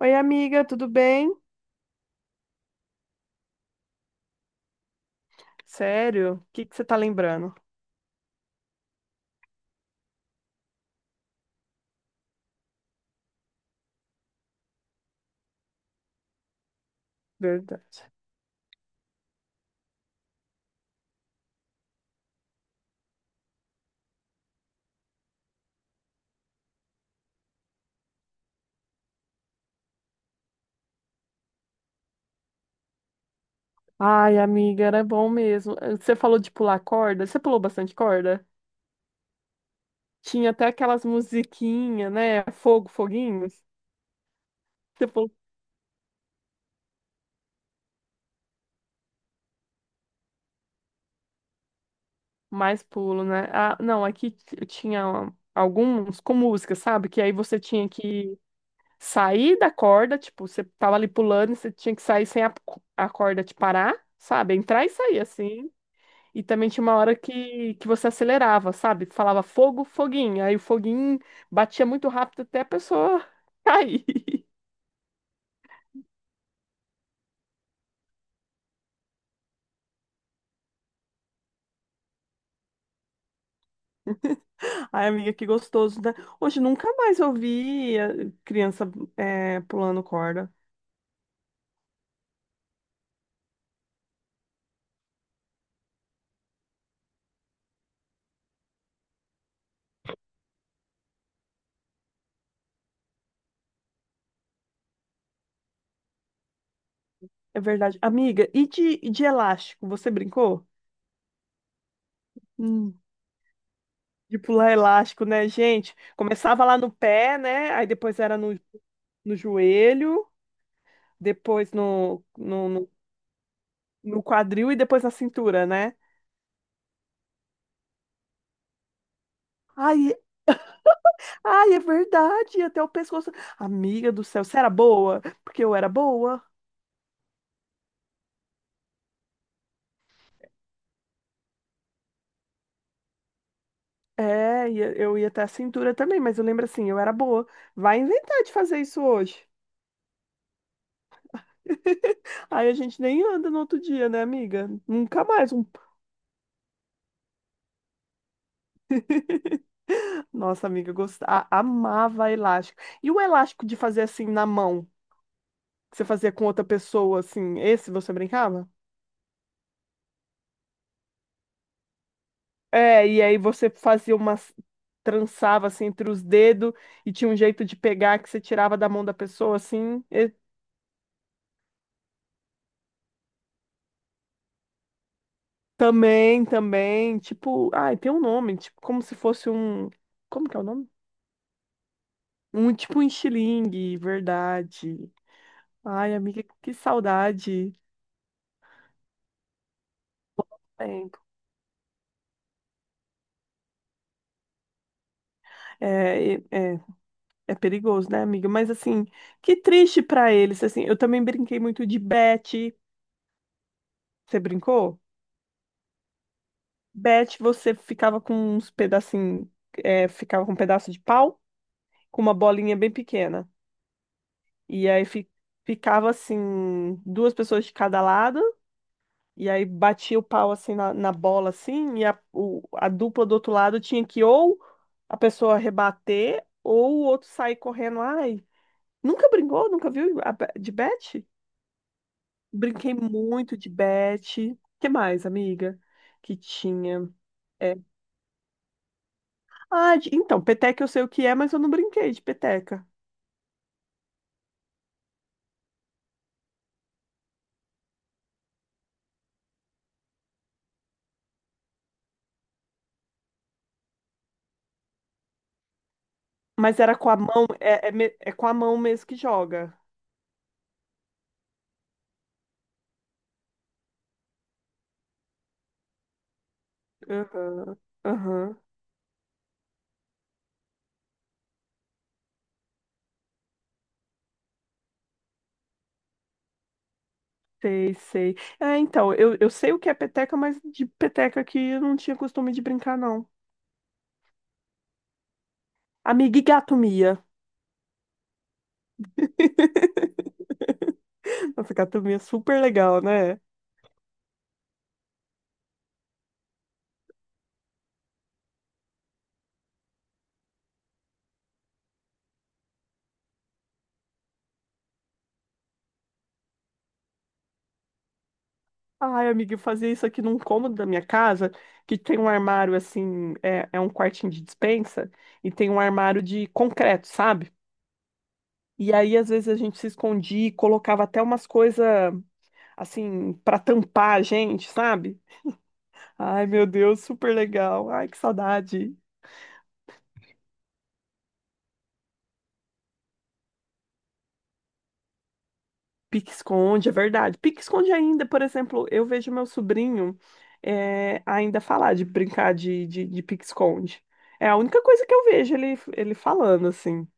Oi, amiga, tudo bem? Sério? O que que você tá lembrando? Verdade. Ai, amiga, era bom mesmo. Você falou de pular corda. Você pulou bastante corda? Tinha até aquelas musiquinhas, né? Fogo, foguinhos. Você pulou mais pulo, né? Ah, não, aqui tinha alguns com música, sabe? Que aí você tinha que sair da corda, tipo, você tava ali pulando e você tinha que sair sem a corda te parar, sabe? Entrar e sair assim. E também tinha uma hora que você acelerava, sabe? Falava fogo, foguinho. Aí o foguinho batia muito rápido até a pessoa cair. Ai, amiga, que gostoso, né? Hoje nunca mais eu vi criança pulando corda. É verdade. Amiga, e de elástico? Você brincou? Hum, de pular elástico, né, gente? Começava lá no pé, né? Aí depois era no joelho, depois no quadril e depois na cintura, né? Ai, ai, é verdade, até o pescoço. Amiga do céu, você era boa? Porque eu era boa. É, e eu ia até a cintura também, mas eu lembro assim, eu era boa. Vai inventar de fazer isso hoje. Aí a gente nem anda no outro dia, né, amiga? Nunca mais. Nossa, amiga, eu gostava, amava elástico. E o elástico de fazer assim na mão, que você fazia com outra pessoa, assim, esse você brincava? É, e aí você fazia umas trançava assim entre os dedos e tinha um jeito de pegar que você tirava da mão da pessoa assim. E também, tipo, ai, tem um nome, tipo, como se fosse um, como que é o nome? Um tipo um estilingue, verdade. Ai, amiga, que saudade. Tempo. É, é perigoso, né, amiga? Mas assim, que triste pra eles, assim. Eu também brinquei muito de bete. Você brincou? Bet, você ficava com uns pedacinhos, ficava com um pedaço de pau, com uma bolinha bem pequena. E ficava assim, duas pessoas de cada lado, e aí batia o pau assim na bola, assim, e a dupla do outro lado tinha que ou a pessoa rebater, ou o outro sair correndo. Ai, nunca brincou? Nunca viu de bet? Brinquei muito de bet. Que mais, amiga? Que tinha. É, ah, então, peteca eu sei o que é, mas eu não brinquei de peteca. Mas era com a mão, é com a mão mesmo que joga. Aham, aham, sei, sei. É, então, eu sei o que é peteca, mas de peteca que eu não tinha costume de brincar, não. Amiga e gato Mia. Nossa, gato Mia é super legal, né? Ai, amiga, eu fazia isso aqui num cômodo da minha casa, que tem um armário assim, é um quartinho de despensa, e tem um armário de concreto, sabe? E aí, às vezes, a gente se escondia e colocava até umas coisas, assim, para tampar a gente, sabe? Ai, meu Deus, super legal. Ai, que saudade. Pique-esconde, é verdade. Pique-esconde ainda, por exemplo, eu vejo meu sobrinho ainda falar de brincar de pique-esconde. É a única coisa que eu vejo ele falando, assim.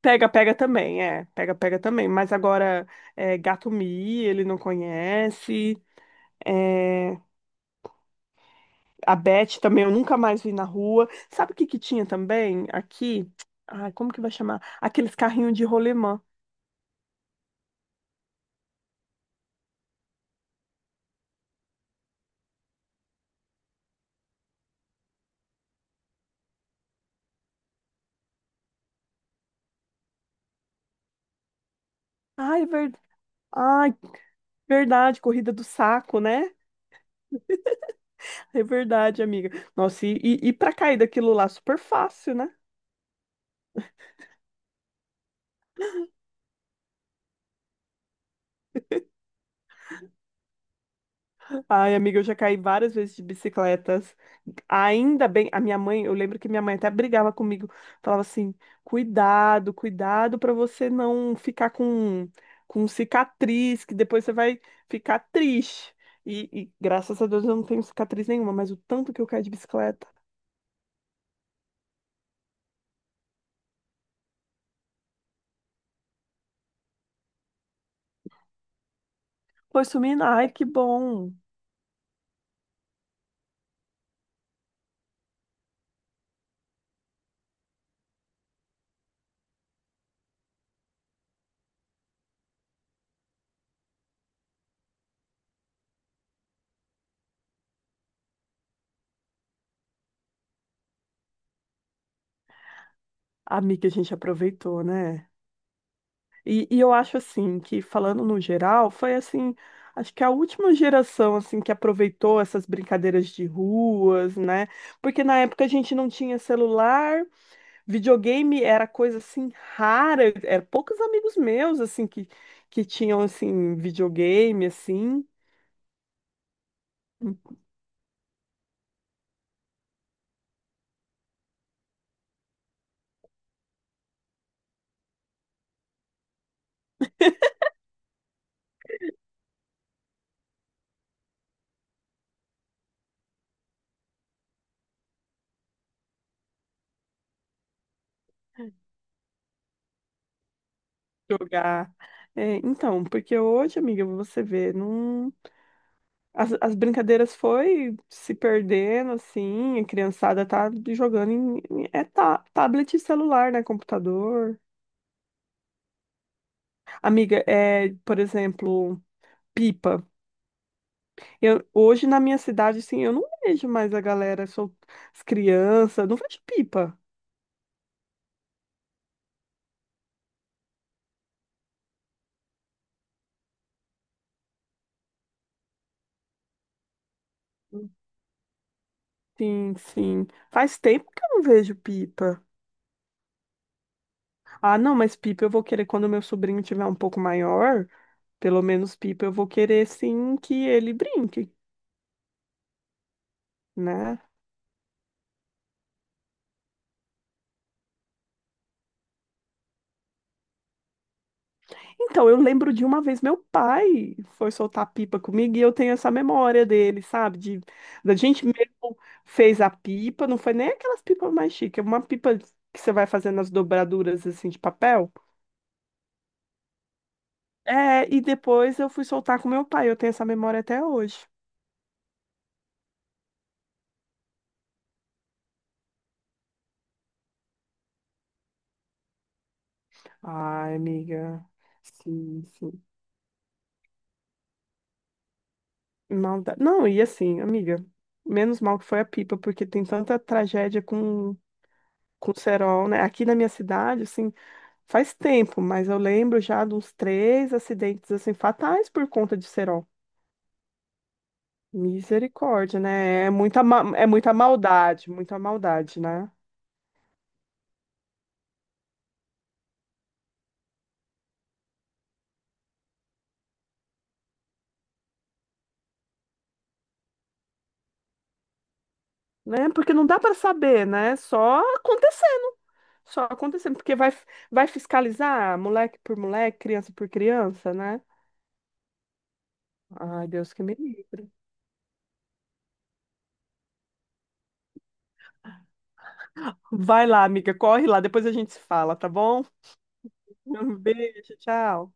Pega, pega também, é. Pega, pega também. Mas agora, é, gato-mia, ele não conhece. eh, A Beth também eu nunca mais vi na rua. Sabe o que que tinha também aqui? Ai, como que vai chamar? Aqueles carrinhos de rolemã. Ai, é verdade. Ai, verdade, corrida do saco, né? É verdade, amiga. Nossa, e pra cair daquilo lá, super fácil, né? Ai, amiga, eu já caí várias vezes de bicicletas. Ainda bem, a minha mãe, eu lembro que minha mãe até brigava comigo, falava assim: cuidado, cuidado para você não ficar com cicatriz, que depois você vai ficar triste. E graças a Deus eu não tenho cicatriz nenhuma, mas o tanto que eu caí de bicicleta. Foi sumindo, ai, que bom. Amiga, a gente aproveitou, né? E eu acho assim que falando no geral, foi assim, acho que a última geração assim que aproveitou essas brincadeiras de ruas, né? Porque na época a gente não tinha celular, videogame era coisa assim rara, era poucos amigos meus assim que tinham assim videogame assim jogar. É, então, porque hoje, amiga, você vê, não. As brincadeiras foi se perdendo, assim, a criançada tá jogando em tablet e celular, né, computador. Amiga, é, por exemplo, pipa. Eu, hoje na minha cidade, assim, eu não vejo mais a galera, sou, as crianças, não vejo pipa. Sim, sim. Faz tempo que eu não vejo pipa. Ah, não, mas pipa eu vou querer quando meu sobrinho tiver um pouco maior, pelo menos pipa eu vou querer, sim, que ele brinque, né? Então, eu lembro de uma vez meu pai foi soltar pipa comigo e eu tenho essa memória dele, sabe? De, da gente mesmo fez a pipa, não foi nem aquelas pipas mais chiques, é uma pipa que você vai fazendo as dobraduras assim de papel. É, e depois eu fui soltar com meu pai, eu tenho essa memória até hoje. Ai, amiga, sim, sim. Maldade. Não, e assim, amiga, menos mal que foi a pipa, porque tem tanta tragédia com o cerol, né? Aqui na minha cidade, assim. Faz tempo, mas eu lembro já de uns três acidentes assim fatais por conta de cerol. Misericórdia, né? É muita maldade, né? Né? Porque não dá para saber, né? Só acontecendo, porque vai fiscalizar moleque por moleque, criança por criança, né? Ai, Deus que me livre. Vai lá, amiga, corre lá, depois a gente se fala, tá bom? Um beijo, tchau.